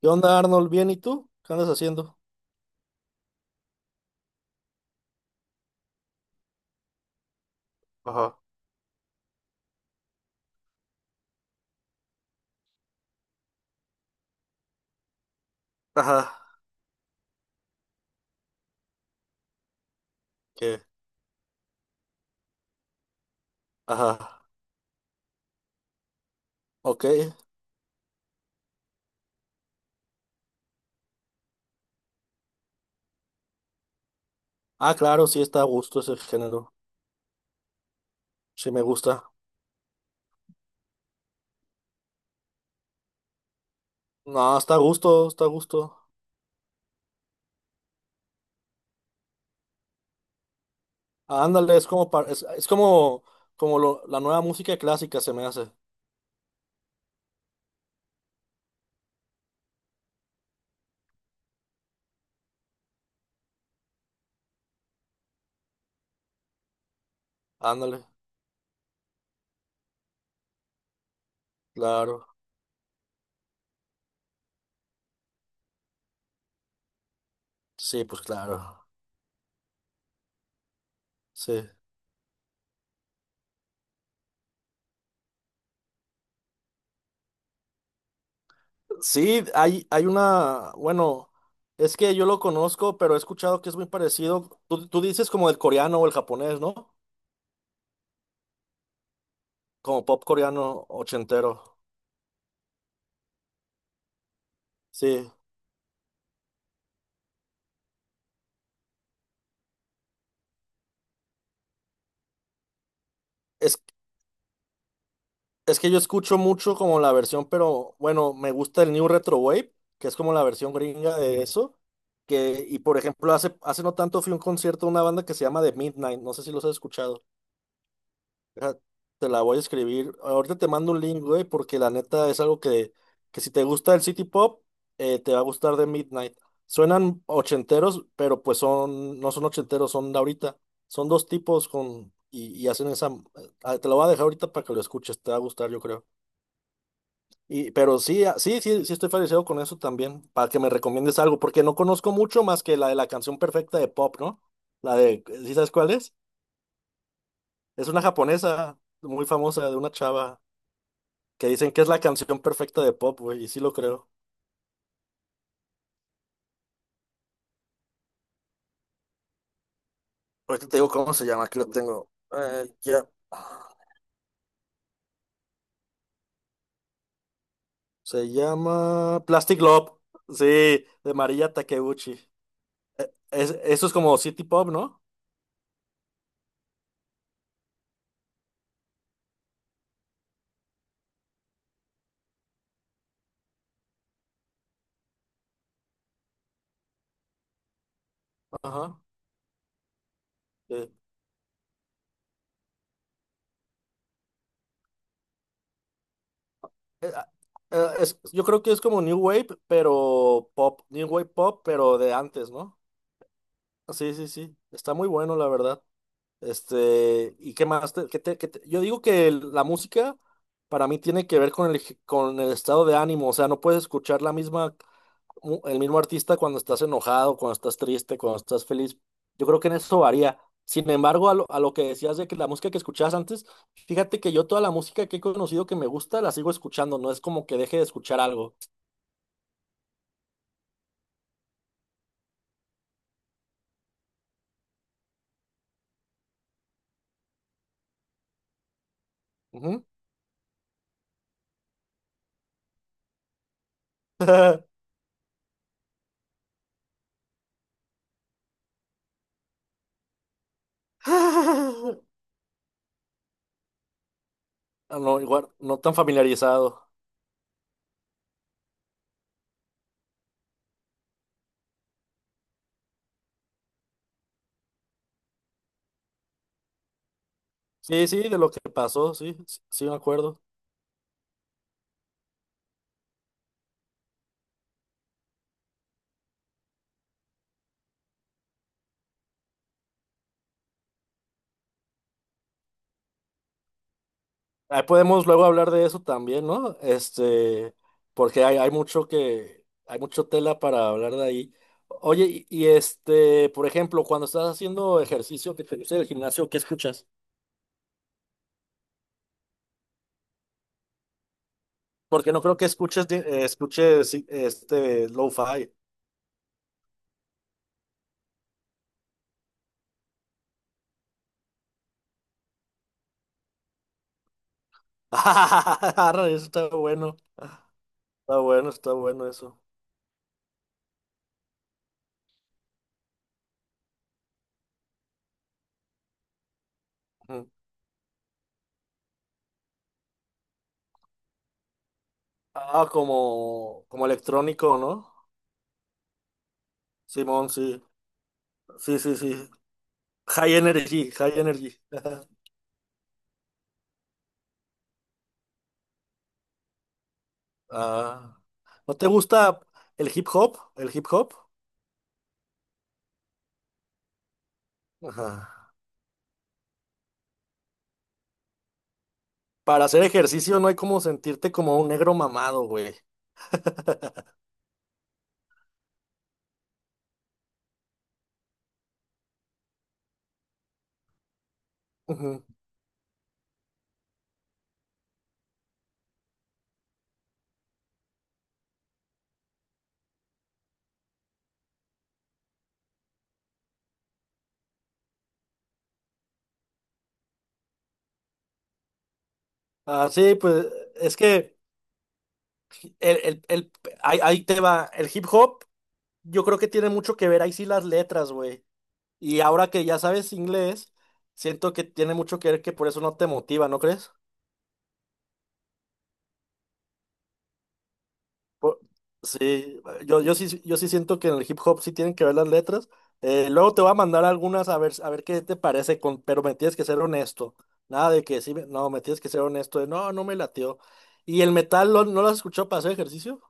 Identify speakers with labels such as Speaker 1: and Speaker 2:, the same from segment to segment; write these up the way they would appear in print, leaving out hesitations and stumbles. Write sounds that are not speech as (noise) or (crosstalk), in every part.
Speaker 1: ¿Qué onda, Arnold? ¿Bien y tú? ¿Qué andas haciendo? Ajá, ajá. ¿Qué? Ajá, ok. Ah, claro, sí está a gusto ese género. Sí me gusta. No, está a gusto, está a gusto. Ándale, es como par- es como, como la nueva música clásica se me hace. Ándale, claro. Sí, pues claro. Sí. Sí, hay una, bueno, es que yo lo conozco, pero he escuchado que es muy parecido. Tú dices como el coreano o el japonés, ¿no? Como pop coreano ochentero. Sí. Es, es que yo escucho mucho como la versión, pero bueno, me gusta el New Retro Wave, que es como la versión gringa de eso. Que, y por ejemplo, hace no tanto fui a un concierto de una banda que se llama The Midnight, no sé si los has escuchado. Deja, te la voy a escribir. Ahorita te mando un link, güey, porque la neta es algo que si te gusta el City Pop, te va a gustar The Midnight. Suenan ochenteros, pero pues son, no son ochenteros, son de ahorita. Son dos tipos con, y hacen esa. Te lo voy a dejar ahorita para que lo escuches, te va a gustar, yo creo. Y, pero sí, ah, sí, sí, sí estoy familiarizado con eso también, para que me recomiendes algo, porque no conozco mucho más que la de la canción perfecta de pop, ¿no? La de, ¿sí sabes cuál es? Es una japonesa muy famosa de una chava que dicen que es la canción perfecta de pop, güey, y sí lo creo. Ahorita te digo cómo se llama, aquí lo tengo. Ya. Se llama Plastic Love, sí, de María Takeuchi. Eso es como City Pop, ¿no? Ajá. Eh, eh, ah, yo creo que es como New Wave, pero pop, New Wave pop, pero de antes, ¿no? Sí, sí, sí. Está muy bueno, la verdad. Este, ¿y qué más? Yo digo que la música para mí tiene que ver con el estado de ánimo, o sea, no puedes escuchar la misma. El mismo artista cuando estás enojado, cuando estás triste, cuando estás feliz. Yo creo que en eso varía. Sin embargo, a lo que decías de que la música que escuchabas antes, fíjate que yo toda la música que he conocido que me gusta la sigo escuchando, no es como que deje de escuchar algo. Ujú. (laughs) Ah, no, igual, no tan familiarizado. Sí, sí, de lo que pasó, sí, sí, sí me acuerdo. Ahí podemos luego hablar de eso también, ¿no? Este, porque hay mucho que, hay mucho tela para hablar de ahí. Oye, y este, por ejemplo, cuando estás haciendo ejercicio que te gusta el gimnasio, ¿qué escuchas? Porque no creo que escuches, escuches sí, este lo-fi. (laughs) Arre, eso está bueno, está bueno, está bueno eso. Ujú. Ah, como, como electrónico, ¿no? Simón, sí, sí, sí, sí. High energy, high energy. (laughs) Ah. ¿No te gusta el hip hop? ¿El hip hop? Ajá. Para hacer ejercicio no hay como sentirte como un negro mamado, güey. Ujú. Ah, sí, pues es que el, el, el- ahí, ahí te va. El hip hop, yo creo que tiene mucho que ver ahí sí las letras, güey. Y ahora que ya sabes inglés, siento que tiene mucho que ver que por eso no te motiva, ¿no crees? Po- Sí, yo sí siento que en el hip hop sí tienen que ver las letras. Luego te voy a mandar algunas a ver qué te parece, con, pero me tienes que ser honesto. Nada de que sí, no, me tienes que ser honesto. De, no, no me latió. ¿No lo has escuchado para hacer ejercicio?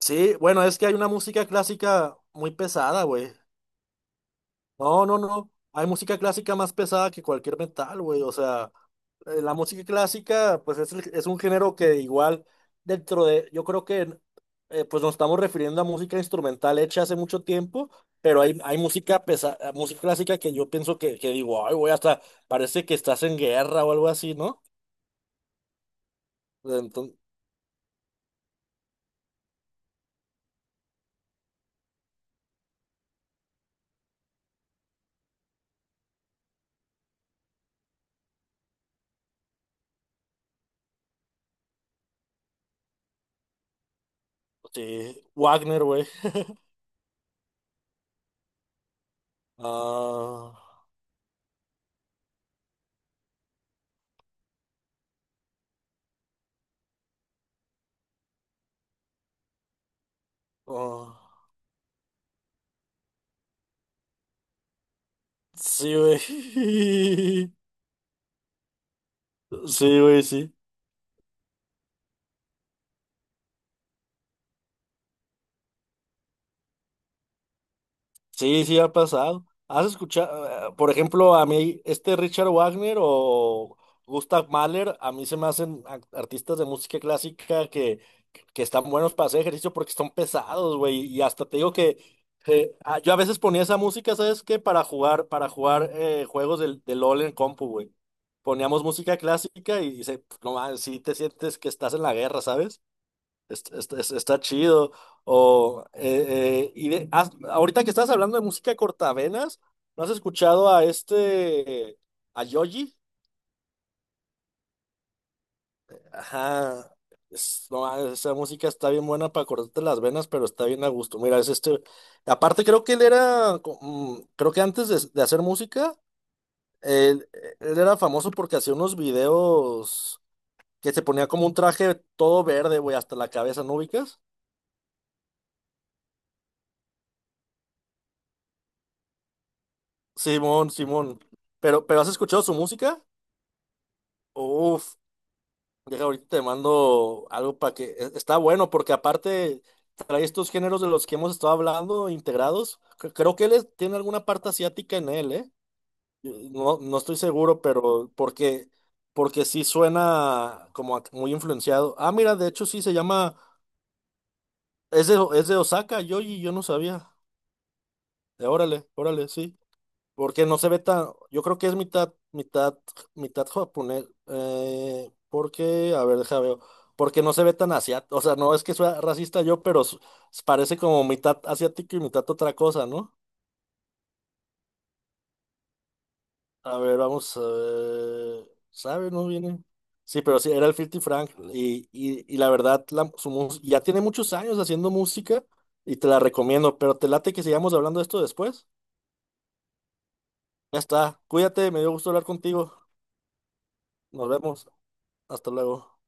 Speaker 1: Sí, bueno, es que hay una música clásica muy pesada, güey. No, no, no. Hay música clásica más pesada que cualquier metal, güey. O sea, la música clásica, pues es, es un género que igual dentro de, yo creo que pues nos estamos refiriendo a música instrumental hecha hace mucho tiempo, pero hay música pesa, música clásica que yo pienso que digo, ay, güey, hasta parece que estás en guerra o algo así, ¿no? Entonces, sí, Wagner, güey. Ah, ah, sí, güey. (laughs) Sí, güey, sí. Sí, sí ha pasado. ¿Has escuchado, por ejemplo, a mí, este Richard Wagner o Gustav Mahler? A mí se me hacen artistas de música clásica que están buenos para hacer ejercicio porque están pesados, güey. Y hasta te digo que yo a veces ponía esa música, ¿sabes qué? Para jugar juegos del, del LOL en compu, güey. Poníamos música clásica y, se, no, mames, sí te sientes que estás en la guerra, ¿sabes? Está chido. Y ahorita que estás hablando de música cortavenas, ¿no has escuchado a este, a Yogi? Ajá. No, ah, esa música está bien buena para cortarte las venas, pero está bien a gusto. Mira, es este. Aparte, creo que él era, creo que antes de hacer música, él, él era famoso porque hacía unos videos que se ponía como un traje todo verde, güey, hasta la cabeza, ¿no ubicas? Simón, Simón. Pero ¿has escuchado su música? Uf, deja ahorita te mando algo para que está bueno porque aparte trae estos géneros de los que hemos estado hablando integrados. Creo que tiene alguna parte asiática en él, ¿eh? No, no estoy seguro, pero porque porque sí suena como muy influenciado. Ah, mira, de hecho sí se llama es de Osaka, yo no sabía. Órale, órale, sí. Porque no se ve tan, yo creo que es mitad, mitad, mitad japonés, porque, a ver, deja veo, porque no se ve tan asiático, o sea, no es que sea racista yo, pero parece como mitad asiático y mitad otra cosa, ¿no? A ver, vamos, a ver, ¿sabe? No viene. Sí, pero sí, era el filthy Frank, y la verdad, ya tiene muchos años haciendo música, y te la recomiendo, pero te late que sigamos hablando de esto después. Ya está, cuídate, me dio gusto hablar contigo, nos vemos, hasta luego.